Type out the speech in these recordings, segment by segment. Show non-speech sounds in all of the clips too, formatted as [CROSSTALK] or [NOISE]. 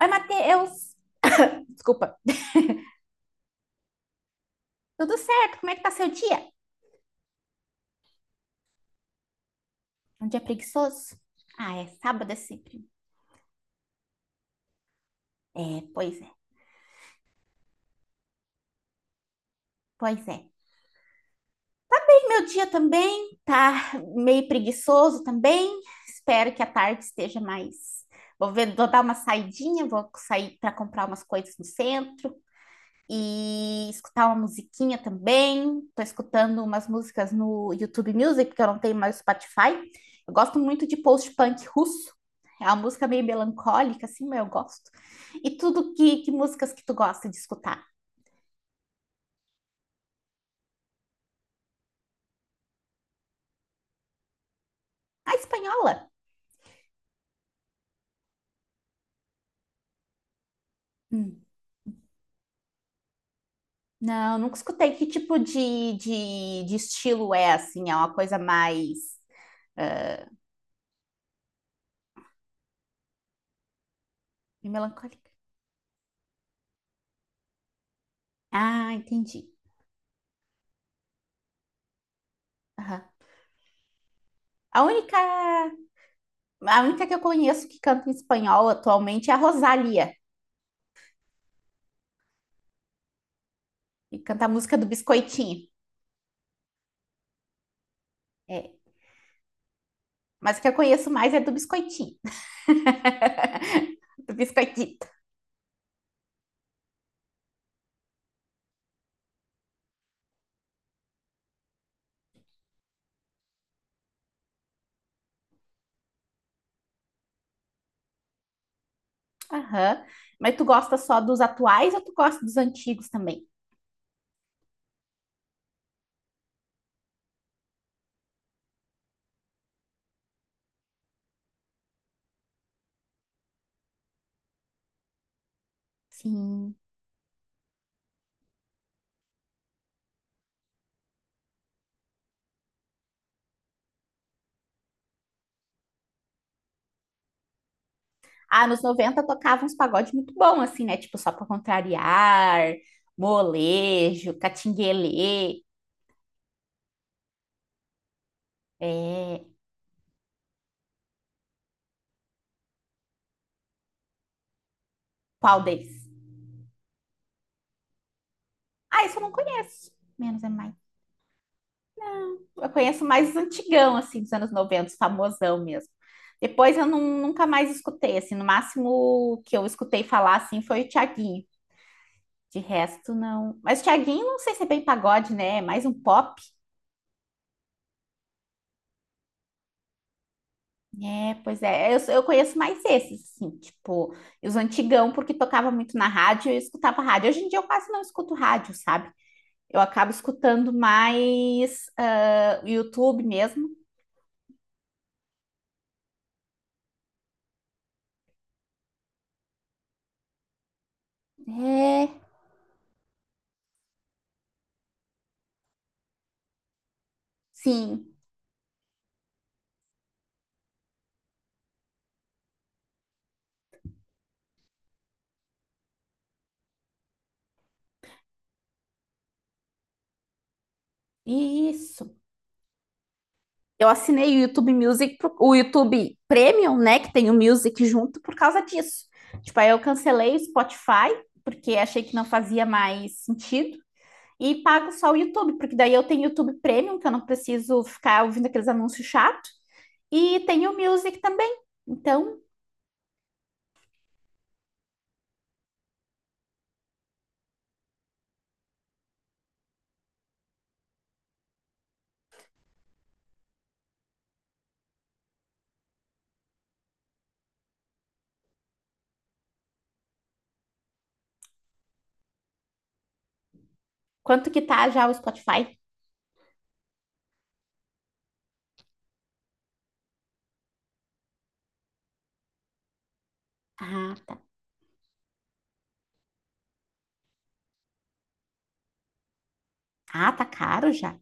Oi, Matheus! [COUGHS] Desculpa. Tudo certo? Como é que tá seu dia? Um dia preguiçoso? Ah, é sábado é sempre. É, pois é, pois é. E meu dia também tá meio preguiçoso também. Espero que a tarde esteja mais. Vou ver, vou dar uma saidinha, vou sair para comprar umas coisas no centro. E escutar uma musiquinha também. Tô escutando umas músicas no YouTube Music, porque eu não tenho mais Spotify. Eu gosto muito de post-punk russo. É uma música meio melancólica, assim, mas eu gosto. E tudo que músicas que tu gosta de escutar? A espanhola? Hum, Não, nunca escutei. Que tipo de estilo é, assim? É uma coisa mais... ah, meio melancólica? Ah, entendi. Aham. A única A única que eu conheço que canta em espanhol atualmente é a Rosalía, que canta a música do Biscoitinho. É, mas o que eu conheço mais é do Biscoitinho. [LAUGHS] Do Biscoitito. Aham. Mas tu gosta só dos atuais ou tu gosta dos antigos também? Sim. Ah, nos 90 tocava uns pagodes muito bons assim, né? Tipo, só pra contrariar, molejo, catinguelê. É. Qual deles? Ah, isso eu não conheço. Menos é mais. Eu conheço mais antigão, assim, dos anos 90 famosão mesmo. Depois eu nunca mais escutei, assim, no máximo que eu escutei falar, assim, foi o Thiaguinho. De resto, não. Mas o Thiaguinho, não sei se é bem pagode, né? É mais um pop. É, pois é. Eu conheço mais esses, assim, tipo, e os antigão, porque tocava muito na rádio e eu escutava rádio. Hoje em dia eu quase não escuto rádio, sabe? Eu acabo escutando mais o YouTube mesmo. É, sim. Isso. Eu assinei o YouTube Music, o YouTube Premium, né, que tem o Music junto por causa disso. Tipo, aí eu cancelei o Spotify, porque achei que não fazia mais sentido, e pago só o YouTube, porque daí eu tenho o YouTube Premium, que eu não preciso ficar ouvindo aqueles anúncios chatos, e tenho o Music também. Então, quanto que tá já o Spotify? Ah, tá. Ah, tá caro já.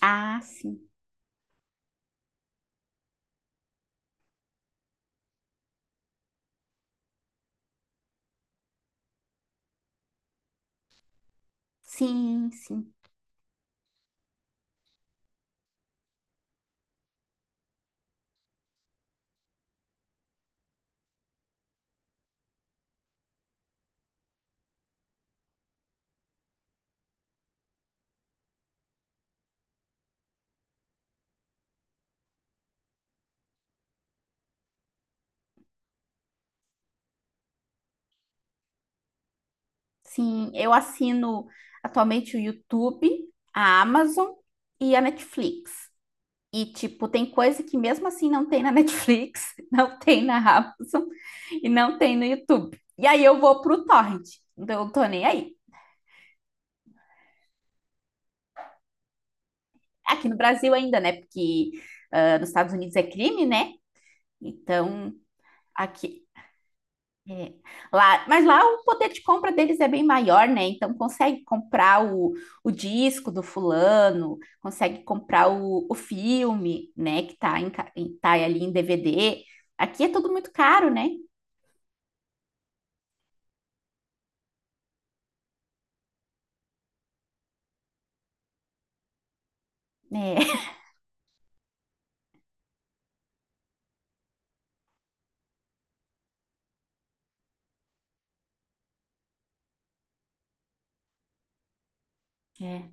Ah, sim. Sim, sim. Sim, eu assino atualmente o YouTube, a Amazon e a Netflix. E, tipo, tem coisa que mesmo assim não tem na Netflix, [LAUGHS] não tem na Amazon e não tem no YouTube. E aí eu vou pro torrent. Então eu tô nem aí. Aqui no Brasil ainda, né? Porque nos Estados Unidos é crime, né? Então, aqui, É, lá, mas lá o poder de compra deles é bem maior, né? Então consegue comprar o disco do fulano, consegue comprar o filme, né? Que tá, em tá ali em DVD. Aqui é tudo muito caro, né? É, é.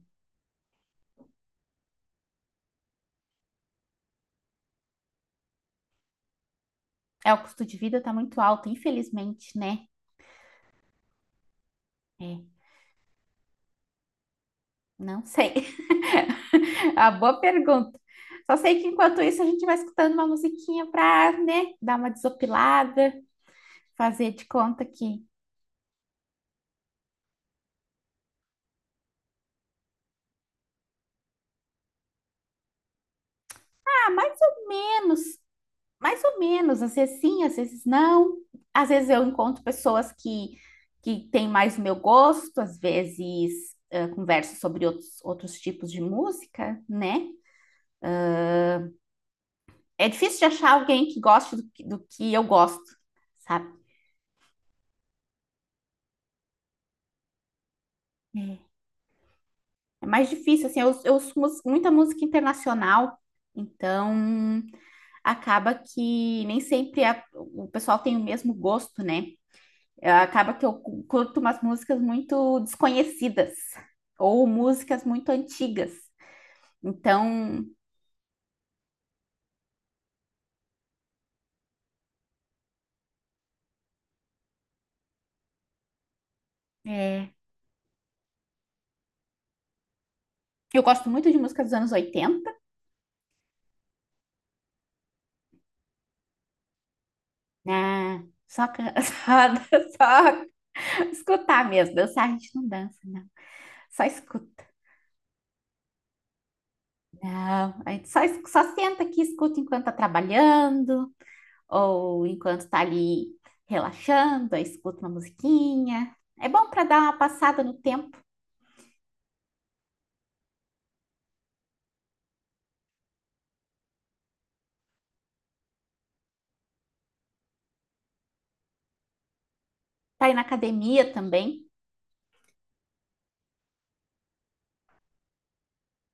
É, o custo de vida tá muito alto, infelizmente, né? É, não sei. [LAUGHS] A boa pergunta. Só sei que enquanto isso a gente vai escutando uma musiquinha pra, né, dar uma desopilada, fazer de conta que menos. Mais ou menos, às vezes sim, às vezes não. Às vezes eu encontro pessoas que têm mais o meu gosto, às vezes converso sobre outros tipos de música, né? É difícil de achar alguém que goste do que eu gosto, sabe? É É mais difícil, assim, eu ouço muita música internacional, então acaba que nem sempre o pessoal tem o mesmo gosto, né? Acaba que eu curto umas músicas muito desconhecidas ou músicas muito antigas. Então, é, eu gosto muito de músicas dos anos oitenta, né? Só, [LAUGHS] só escutar mesmo. Dançar a gente não dança, não. Só escuta. Não, só senta aqui e escuta enquanto tá trabalhando ou enquanto tá ali relaxando, aí escuta uma musiquinha. É bom para dar uma passada no tempo. Tá aí na academia também.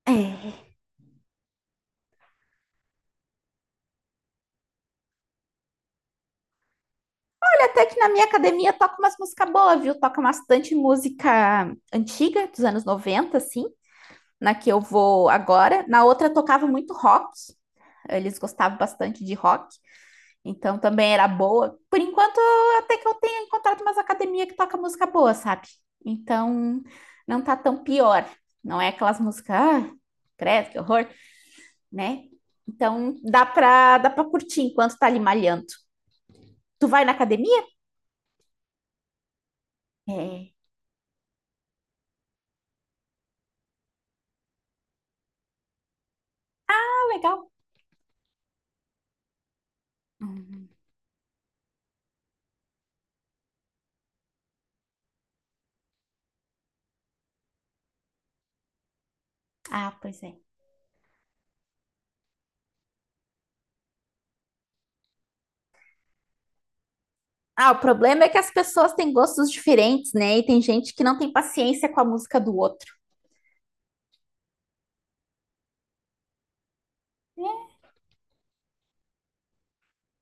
É, até que na minha academia toca umas músicas boas, viu? Toca bastante música antiga, dos anos 90 assim, na que eu vou agora. Na outra tocava muito rock, eles gostavam bastante de rock, então também era boa. Por enquanto, até que eu tenho encontrado umas academias que toca música boa, sabe? Então não tá tão pior. Não é aquelas músicas, ah, credo, que horror, né? Então dá pra curtir enquanto tá ali malhando. Tu vai na academia? É. Ah, legal. Ah, pois é. Ah, o problema é que as pessoas têm gostos diferentes, né? E tem gente que não tem paciência com a música do outro. É,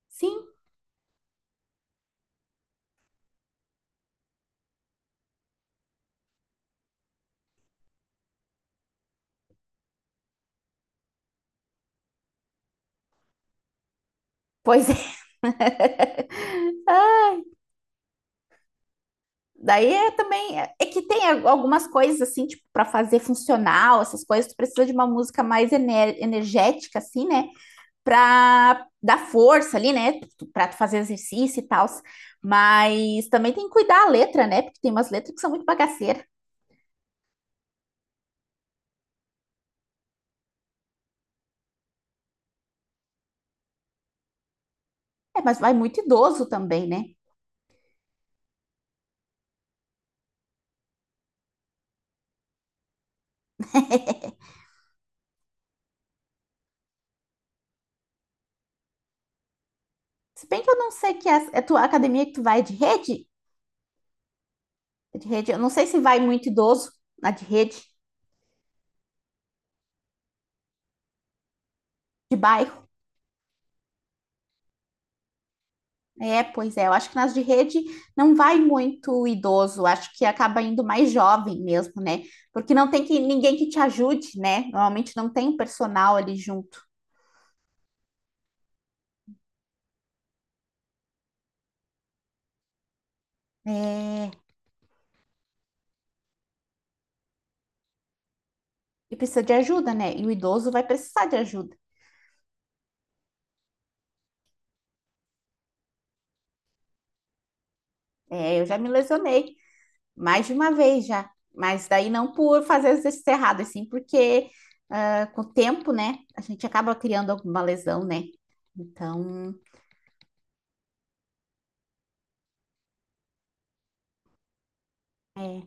sim, pois é. [LAUGHS] Ah, daí é também é que tem algumas coisas assim, tipo, para fazer funcional, essas coisas, tu precisa de uma música mais energética assim, né? Pra dar força ali, né? Pra tu fazer exercício e tal. Mas também tem que cuidar a letra, né? Porque tem umas letras que são muito bagaceiras. É, mas vai muito idoso também, né? Se bem que eu não sei que é a tua academia que tu vai é de rede, é de rede, eu não sei se vai muito idoso na de rede, de bairro. É, pois é, eu acho que nas de rede não vai muito idoso, acho que acaba indo mais jovem mesmo, né? Porque não tem que, ninguém que te ajude, né? Normalmente não tem um personal ali junto. É, e precisa de ajuda, né? E o idoso vai precisar de ajuda. É, eu já me lesionei mais de uma vez já, mas daí não por fazer exercício errado, assim, porque ah, com o tempo, né, a gente acaba criando alguma lesão, né? Então, é,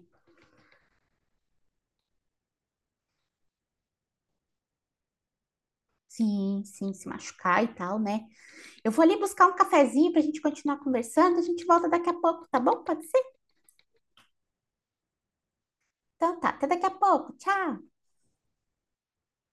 sim, sim, se machucar e tal, né? Eu vou ali buscar um cafezinho pra gente continuar conversando, a gente volta daqui a pouco, tá bom? Pode ser? Então tá, até daqui a pouco, tchau!